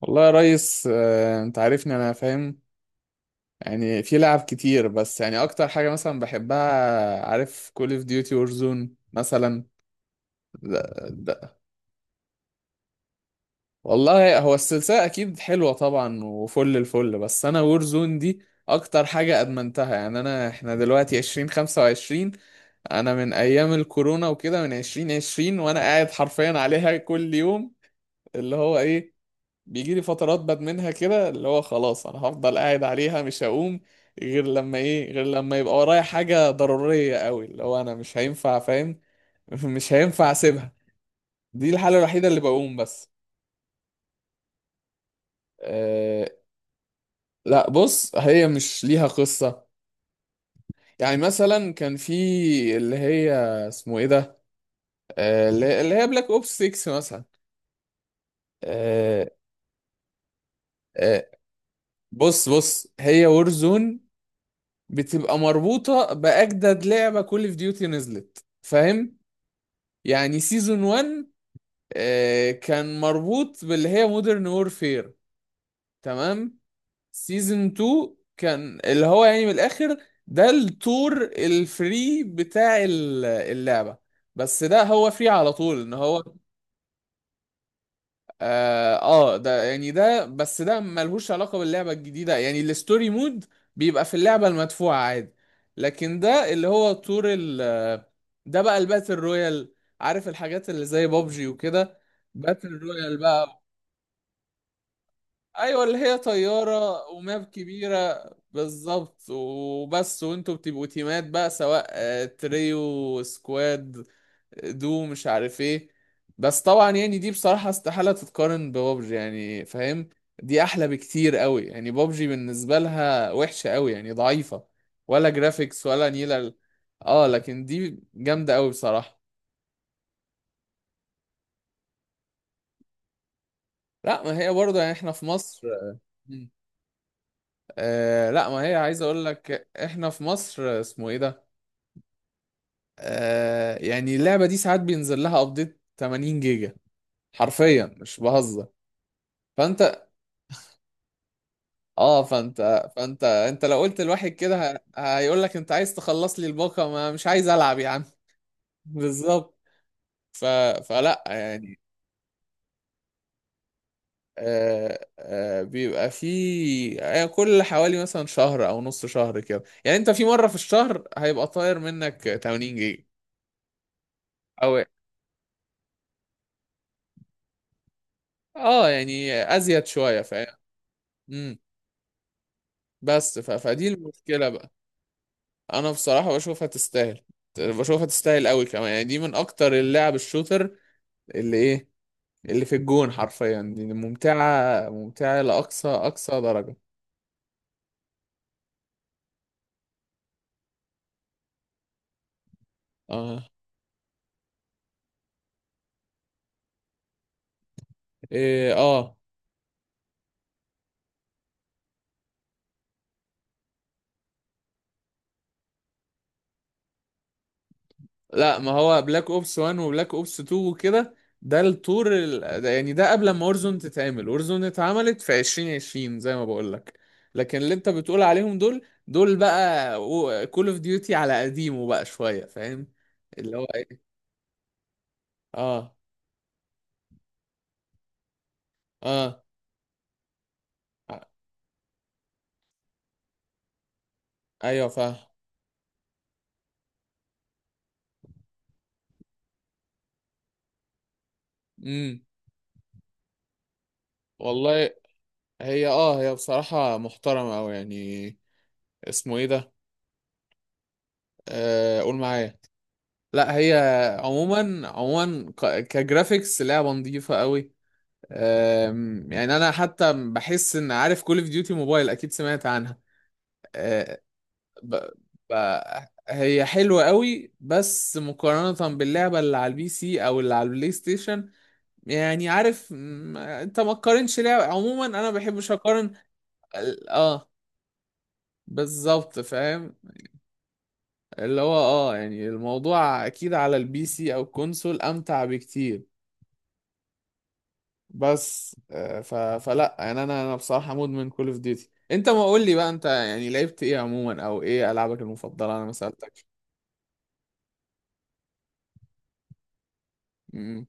والله يا ريس انت عارفني انا فاهم، يعني في لعب كتير. بس يعني اكتر حاجة مثلا بحبها، عارف، كول اوف ديوتي وورزون مثلا. ده ده والله هو السلسلة اكيد حلوة طبعا، وفل الفل، بس انا وورزون دي اكتر حاجة ادمنتها. يعني انا احنا دلوقتي 2025، انا من ايام الكورونا وكده، من 2020 وانا قاعد حرفيا عليها كل يوم. اللي هو ايه، بيجي لي فترات بدمنها كده، اللي هو خلاص انا هفضل قاعد عليها مش هقوم غير لما ايه، غير لما يبقى ورايا حاجة ضرورية قوي، اللي هو انا مش هينفع فاهم. مش هينفع اسيبها، دي الحالة الوحيدة اللي بقوم بس. أه، لا بص هي مش ليها قصة. يعني مثلا كان في اللي هي اسمه ايه ده، أه اللي اللي هي بلاك اوبس 6 مثلا. أه أه بص بص هي وورزون بتبقى مربوطة بأجدد لعبة كول اوف ديوتي نزلت، فاهم. يعني سيزون 1، كان مربوط باللي هي مودرن وورفير، تمام. سيزون 2 كان اللي هو يعني من الآخر، ده التور الفري بتاع اللعبة. بس ده هو فري على طول ان هو ده يعني ده، بس ده ملهوش علاقة باللعبة الجديدة، يعني الستوري مود بيبقى في اللعبة المدفوعة عادي. لكن ده اللي هو طور ال ده بقى الباتل رويال، عارف الحاجات اللي زي بابجي وكده. باتل رويال بقى، ايوه اللي هي طيارة وماب كبيرة. بالظبط، وبس، وانتوا بتبقوا تيمات بقى سواء تريو، سكواد، دو مش عارف ايه. بس طبعا يعني دي بصراحة استحالة تتقارن ببابجي، يعني فاهم، دي احلى بكتير قوي. يعني بابجي بالنسبة لها وحشة قوي، يعني ضعيفة، ولا جرافيكس ولا نيلة اه لكن دي جامدة قوي بصراحة. لا ما هي برضه يعني احنا في مصر. مم. لا ما هي، عايز اقول لك احنا في مصر، اسمه ايه ده. يعني اللعبة دي ساعات بينزل لها ابديت 80 جيجا، حرفيا مش بهزر. فانت، اه، فانت انت لو قلت لواحد كده هيقول لك انت عايز تخلص لي الباقة، ما مش عايز العب يا عم. بالظبط. ف... فلا يعني. بيبقى في كل حوالي مثلا شهر او نص شهر كده. يعني انت في مرة في الشهر هيبقى طاير منك 80 جيجا. او اه يعني ازيد شوية فاهم. امم. بس فدي المشكلة بقى. انا بصراحة بشوفها تستاهل، بشوفها تستاهل قوي كمان، يعني دي من اكتر اللعب الشوتر اللي ايه، اللي في الجون حرفيا، دي ممتعة ممتعة لأقصى أقصى درجة. اه، إيه، اه، لا ما هو بلاك اوبس 1 وبلاك اوبس 2 وكده، ده الطور ده يعني ده قبل ما اورزون تتعمل. اورزون اتعملت في 2020 زي ما بقول لك. لكن اللي انت بتقول عليهم دول بقى كول اوف ديوتي على قديمه بقى شوية فاهم. اللي هو ايه، اه، اه، ع- ايوه فاهم. امم. والله، هي اه هي بصراحة محترمة أوي، يعني اسمه ايه ده، قول معايا. لا هي عموما عموما كجرافيكس لعبه نظيفه قوي. يعني انا حتى بحس ان عارف كول اوف ديوتي موبايل اكيد سمعت عنها. آه، ب... ب... هي حلوه قوي بس مقارنه باللعبه اللي على البي سي او اللي على البلاي ستيشن. يعني عارف انت ما تقارنش لعبه عموما، انا ما بحبش اقارن. اه بالظبط فاهم. اللي هو اه يعني الموضوع اكيد على البي سي او الكونسول امتع بكتير. بس فلا يعني، انا بصراحه مدمن كول اوف ديوتي. انت ما قول لي بقى، انت يعني لعبت ايه عموما او ايه العابك المفضله، انا ما سالتكش. امم.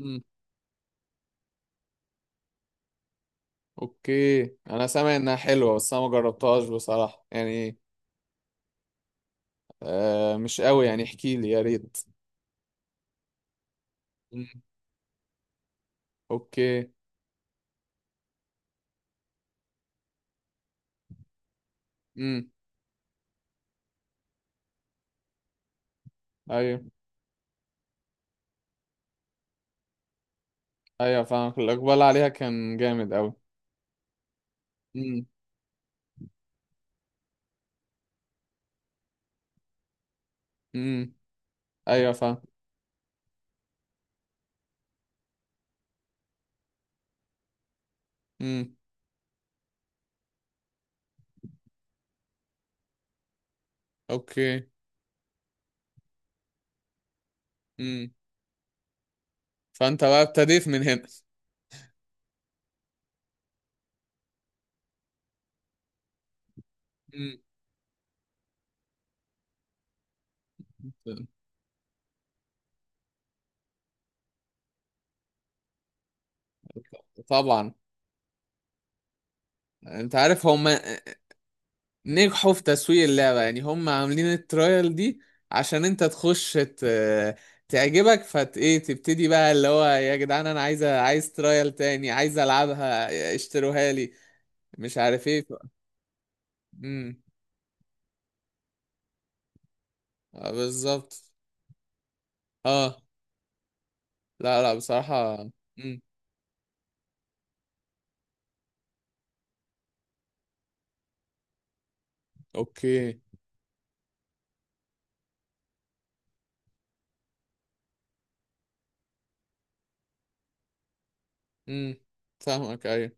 أمم. اوكي، انا سامع انها حلوه بس انا ما جربتهاش بصراحه يعني. آه مش قوي يعني، احكي لي يا ريت. أمم. اوكي. امم. ايوه ايوه فاهمك، الاقبال عليها كان جامد قوي. امم. امم. ايوه فاهم. امم. اوكي. امم. فانت بقى ابتديت من هنا. امم. طبعا. انت عارف هم نجحوا في تسويق اللعبة، يعني هم عاملين الترايل دي عشان انت تخش تعجبك فت ايه، تبتدي بقى اللي هو يا جدعان انا عايز عايز ترايل تاني، عايز العبها اشتروها لي، مش عارف ايه امم. اه بالظبط. اه لا لا بصراحة. امم. اوكي. امم. فاهمك ايوه.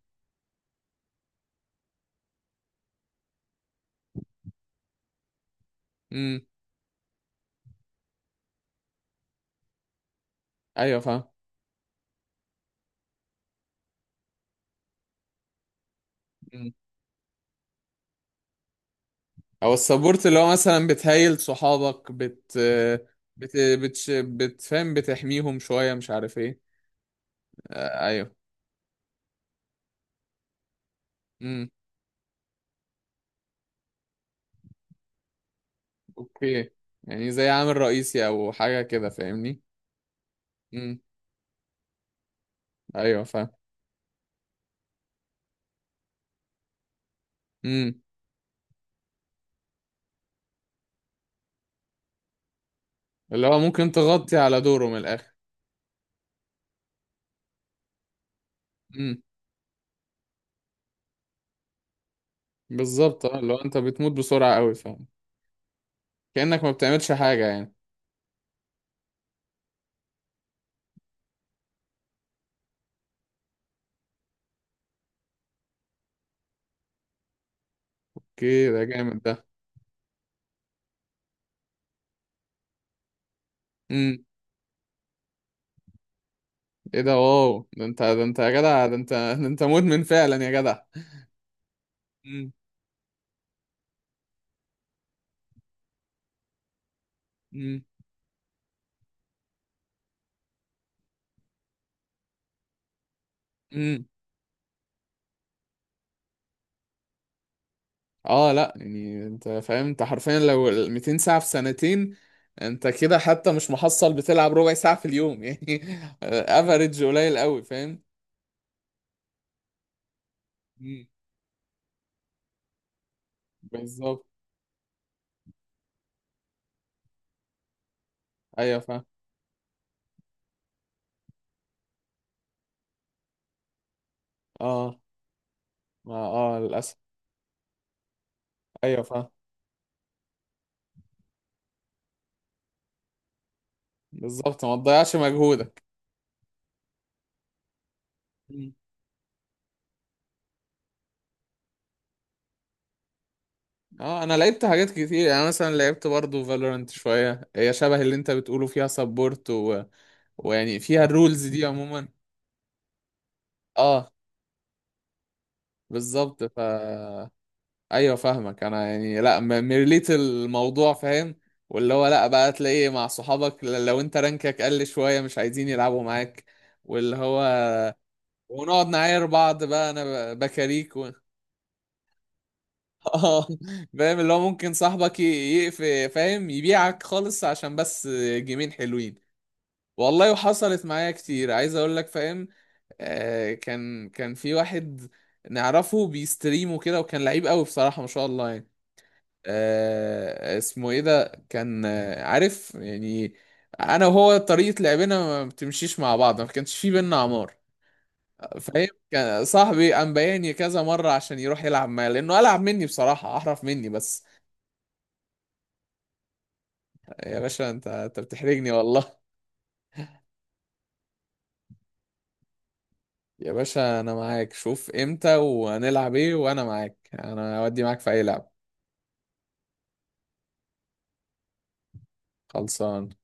امم. ايوه فاهم. او السبورت اللي هو مثلا بتهيل صحابك بت بتفهم بتحميهم شوية مش عارف ايه. آه ايوه. امم. اوكي. يعني زي عامل رئيسي او حاجة كده فاهمني. امم. ايوه فاهم. امم اللي هو ممكن تغطي على دوره من الاخر. امم. بالظبط اه اللي هو انت بتموت بسرعة قوي فاهم، كأنك ما بتعملش حاجة يعني. اوكي ده جامد ده. امم. ايه ده، واو، ده انت ده انت يا جدع ده انت ده انت مدمن فعلا يا جدع. امم. امم. اه لا يعني انت فاهم، انت حرفيا لو ال 200 ساعة في سنتين، انت كده حتى مش محصل بتلعب ربع ساعة في اليوم يعني. افريج قليل قوي فاهم. مم. بالظبط. ايوه فاهم. اه، ما اه للاسف. ايوه فاهم. بالظبط ما تضيعش مجهودك. مم. اه انا لعبت حاجات كتير، يعني مثلا لعبت برضو فالورانت شوية، هي شبه اللي انت بتقوله فيها سبورت ويعني فيها الرولز دي عموما. اه بالظبط ف، ايوه فاهمك، انا يعني لا مريليت الموضوع فاهم. واللي هو لا بقى تلاقي مع صحابك لو انت رانكك قل شويه مش عايزين يلعبوا معاك. واللي هو، ونقعد نعاير بعض بقى، انا بكاريك اه فاهم، اللي هو ممكن صاحبك يقفل فاهم يبيعك خالص عشان بس جيمين حلوين. والله وحصلت معايا كتير عايز اقول لك فاهم. آه، كان في واحد نعرفه بيستريم وكده، وكان لعيب قوي بصراحه، ما شاء الله يعني. آه اسمه ايه ده كان، عارف يعني انا وهو طريقة لعبنا ما بتمشيش مع بعض، ما كانش في بينا عمار، فاهم، كان صاحبي قام بايعني كذا مرة عشان يروح يلعب معايا، لانه العب مني بصراحة، احرف مني بس. يا باشا، انت بتحرجني والله. يا باشا انا معاك، شوف امتى وهنلعب ايه، وانا معاك، انا اودي معاك في اي لعب. خلصان